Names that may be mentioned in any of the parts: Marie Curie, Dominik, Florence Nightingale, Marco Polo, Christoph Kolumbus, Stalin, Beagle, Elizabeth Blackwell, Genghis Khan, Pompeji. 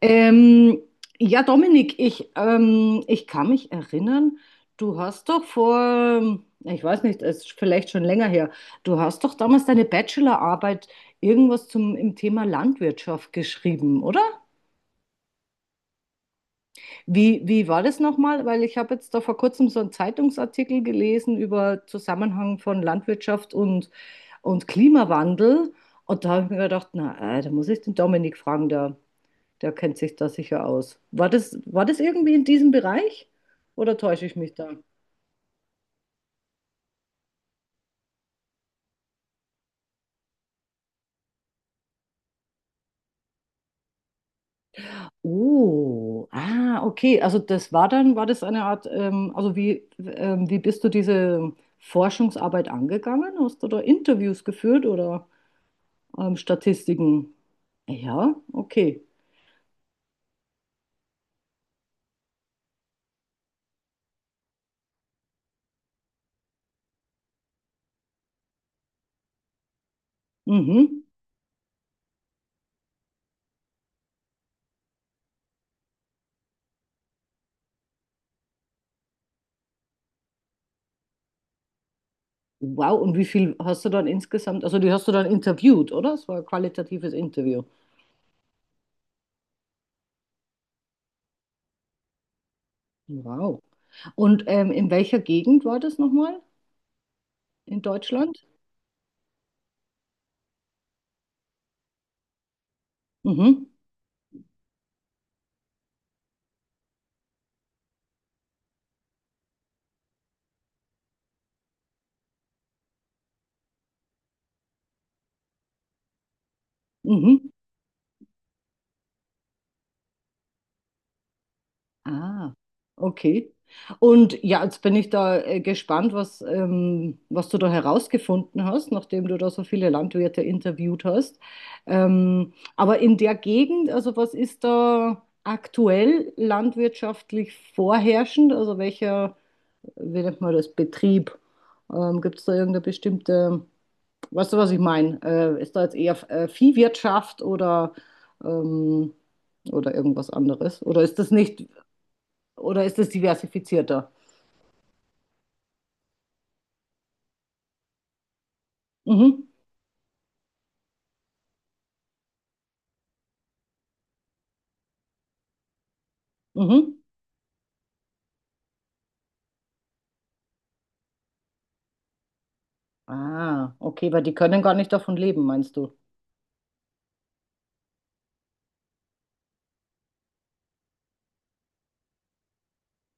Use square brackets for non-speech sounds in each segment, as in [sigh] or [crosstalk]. Ähm, ja, Dominik, ich kann mich erinnern, du hast doch vor, ich weiß nicht, es ist vielleicht schon länger her, du hast doch damals deine Bachelorarbeit irgendwas im Thema Landwirtschaft geschrieben, oder? Wie war das nochmal? Weil ich habe jetzt da vor kurzem so einen Zeitungsartikel gelesen über Zusammenhang von Landwirtschaft und Klimawandel. Und da habe ich mir gedacht, na, da muss ich den Dominik fragen, der kennt sich da sicher aus. War das irgendwie in diesem Bereich? Oder täusche ich mich da? Oh, ah, okay. Also das war dann, war das eine Art, wie bist du diese Forschungsarbeit angegangen? Hast du da Interviews geführt oder Statistiken? Ja, okay. Mhm. Wow, und wie viel hast du dann insgesamt, also die hast du dann interviewt, oder? Es war ein qualitatives Interview. Wow. Und in welcher Gegend war das nochmal? In Deutschland? Mhm, mhm. Ah, okay. Und ja, jetzt bin ich da gespannt, was du da herausgefunden hast, nachdem du da so viele Landwirte interviewt hast. Aber in der Gegend, also was ist da aktuell landwirtschaftlich vorherrschend? Also welcher, wie nennt man das, Betrieb? Gibt es da irgendeine bestimmte? Weißt du, was ich meine? Ist da jetzt eher Viehwirtschaft oder, ähm, oder irgendwas anderes? Oder ist das nicht, oder ist das diversifizierter? Mhm. Mhm. Ah, okay, weil die können gar nicht davon leben, meinst du?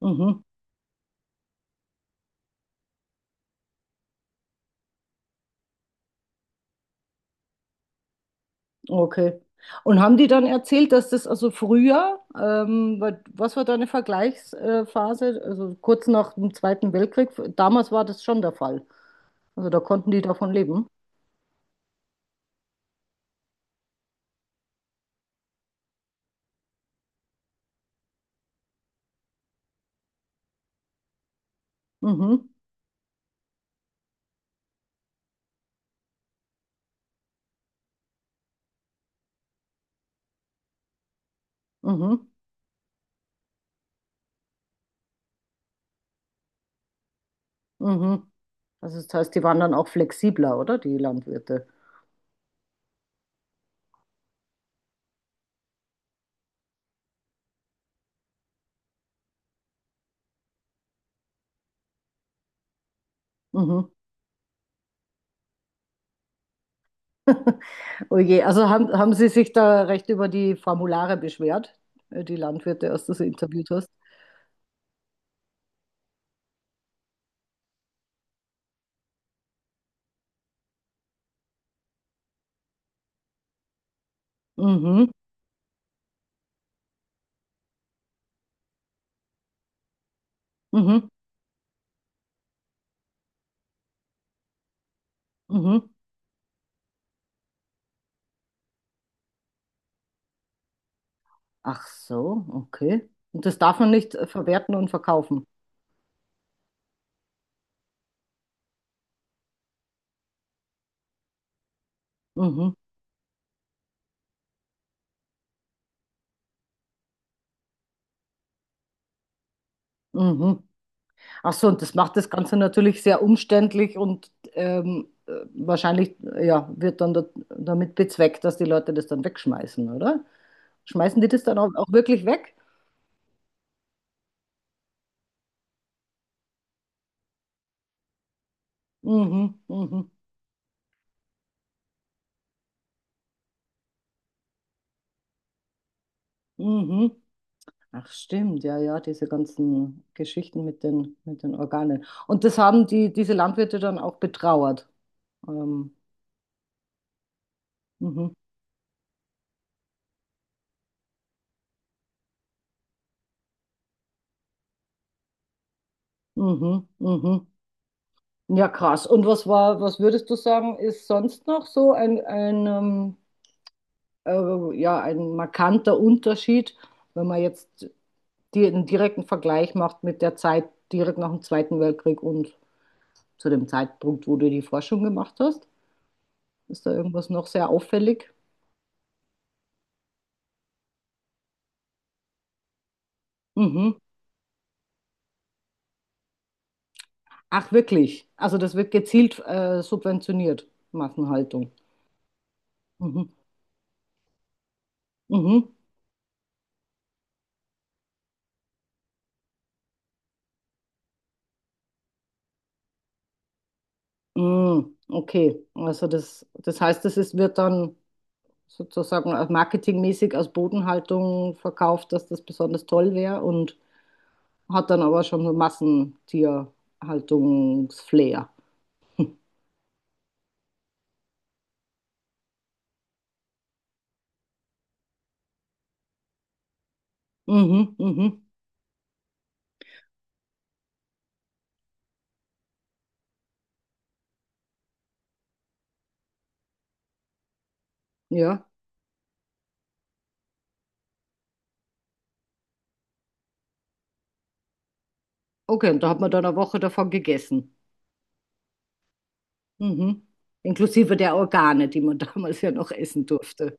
Mhm. Okay. Und haben die dann erzählt, dass das also früher, was war da eine Vergleichsphase? Also kurz nach dem Zweiten Weltkrieg, damals war das schon der Fall. Also da konnten die davon leben. Mhm. Mhm. Mhm. Also das heißt, die waren dann auch flexibler, oder? Die Landwirte. Mhm. Oh je, also haben Sie sich da recht über die Formulare beschwert, die Landwirte, als du sie interviewt hast? Mhm, mhm, mhm. Ach so, okay. Und das darf man nicht verwerten und verkaufen. Mhm, mhm. Ach so, und das macht das Ganze natürlich sehr umständlich und wahrscheinlich, ja, wird dann da damit bezweckt, dass die Leute das dann wegschmeißen, oder? Schmeißen die das dann auch wirklich weg? Mhm, mhm. Mhm. Ach stimmt, ja, ja, diese ganzen Geschichten mit den Organen. Und das haben die, diese Landwirte dann auch betrauert. Ähm, mhm, mhm, mhm. Ja, krass. Und was war, was würdest du sagen, ist sonst noch so ja, ein markanter Unterschied, wenn man jetzt die, einen direkten Vergleich macht mit der Zeit direkt nach dem Zweiten Weltkrieg und zu dem Zeitpunkt, wo du die Forschung gemacht hast? Ist da irgendwas noch sehr auffällig? Mhm. Ach, wirklich? Also das wird gezielt subventioniert, Massenhaltung. Mhm. Mhm. Mm, okay, also das, das heißt, das ist, wird dann sozusagen als marketingmäßig als Bodenhaltung verkauft, dass das besonders toll wäre und hat dann aber schon so Massentierhaltungsflair. Mhm, mhm, ja. Okay, und da hat man dann eine Woche davon gegessen. Mhm. Inklusive der Organe, die man [laughs] damals ja noch essen durfte.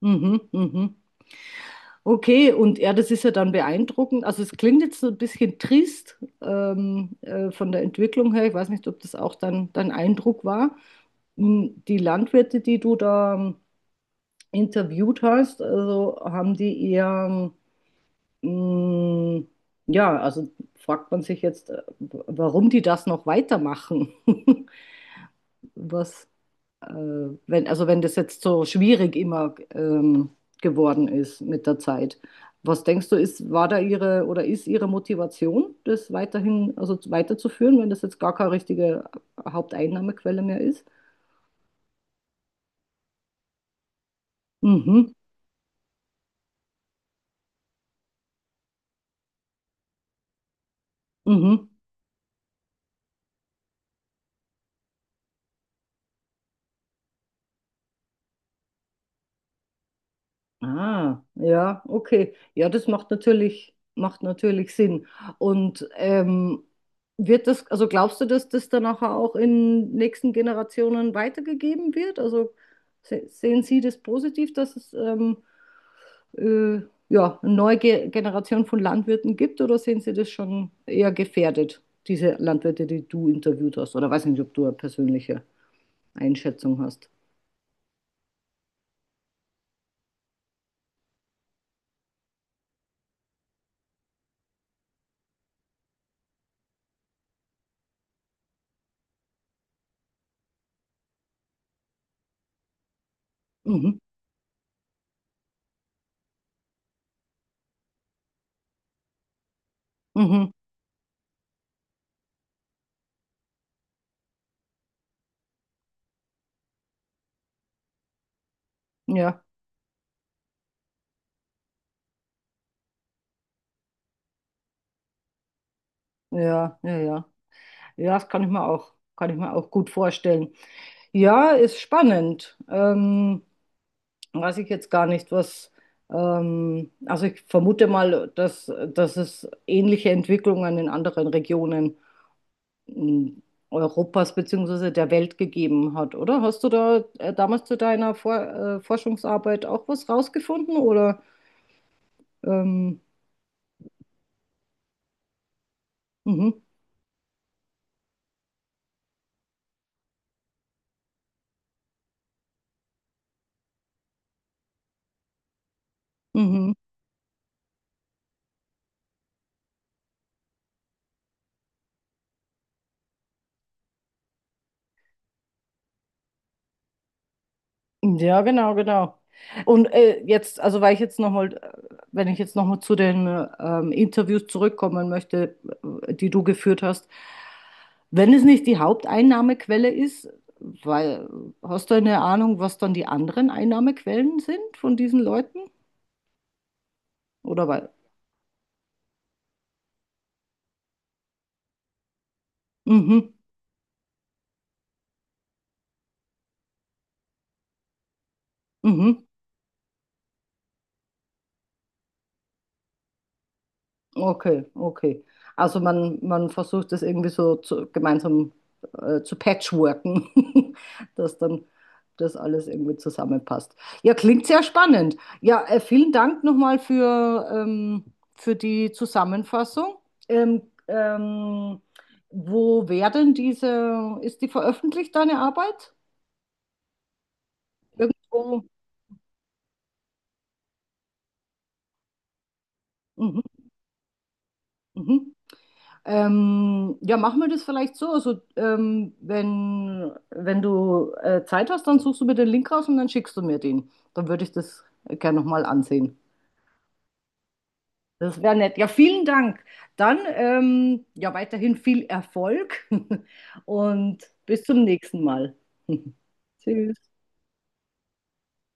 Mhm, mhm. Mhm. Okay, und ja, das ist ja dann beeindruckend. Also es klingt jetzt so ein bisschen trist von der Entwicklung her. Ich weiß nicht, ob das auch dann dein Eindruck war. Hm, die Landwirte, die du da interviewt hast, also haben die eher, hm, ja, also fragt man sich jetzt, warum die das noch weitermachen. [laughs] Was, äh, wenn, also wenn das jetzt so schwierig immer geworden ist mit der Zeit. Was denkst du, ist, war da ihre oder ist ihre Motivation, das weiterhin, also weiterzuführen, wenn das jetzt gar keine richtige Haupteinnahmequelle mehr ist? Mhm, mhm. Ah, ja, okay. Ja, das macht natürlich Sinn. Und wird das, also glaubst du, dass das dann nachher auch in nächsten Generationen weitergegeben wird? Also se sehen Sie das positiv, dass es äh, ja, eine neue Ge Generation von Landwirten gibt oder sehen Sie das schon eher gefährdet, diese Landwirte, die du interviewt hast? Oder weiß nicht, ob du eine persönliche Einschätzung hast. Mhm, mhm, ja, ja, ja, ja. Ja, das kann ich mir auch, kann ich mir auch gut vorstellen. Ja, ist spannend. Weiß ich jetzt gar nicht, was. Also ich vermute mal, dass es ähnliche Entwicklungen in anderen Regionen m, Europas beziehungsweise der Welt gegeben hat, oder? Hast du da damals zu deiner Vor Forschungsarbeit auch was rausgefunden, oder? Ähm, mhm, mhm. Ja, genau, genau. Und jetzt, also weil ich jetzt nochmal, wenn ich jetzt nochmal zu den Interviews zurückkommen möchte, die du geführt hast, wenn es nicht die Haupteinnahmequelle ist, weil, hast du eine Ahnung, was dann die anderen Einnahmequellen sind von diesen Leuten? Oder weil, mhm, mhm. Okay, okay. Also man versucht das irgendwie so zu, gemeinsam zu patchworken, [laughs] dass dann das alles irgendwie zusammenpasst. Ja, klingt sehr spannend. Ja, vielen Dank nochmal für die Zusammenfassung. Ähm, ähm, wo werden diese, ist die veröffentlicht, deine Arbeit? Irgendwo? Mhm, mhm. Ja, machen wir das vielleicht so. Also, wenn du Zeit hast, dann suchst du mir den Link raus und dann schickst du mir den. Dann würde ich das gerne nochmal ansehen. Das wäre nett. Ja, vielen Dank. Dann ja, weiterhin viel Erfolg [laughs] und bis zum nächsten Mal. [laughs] Tschüss.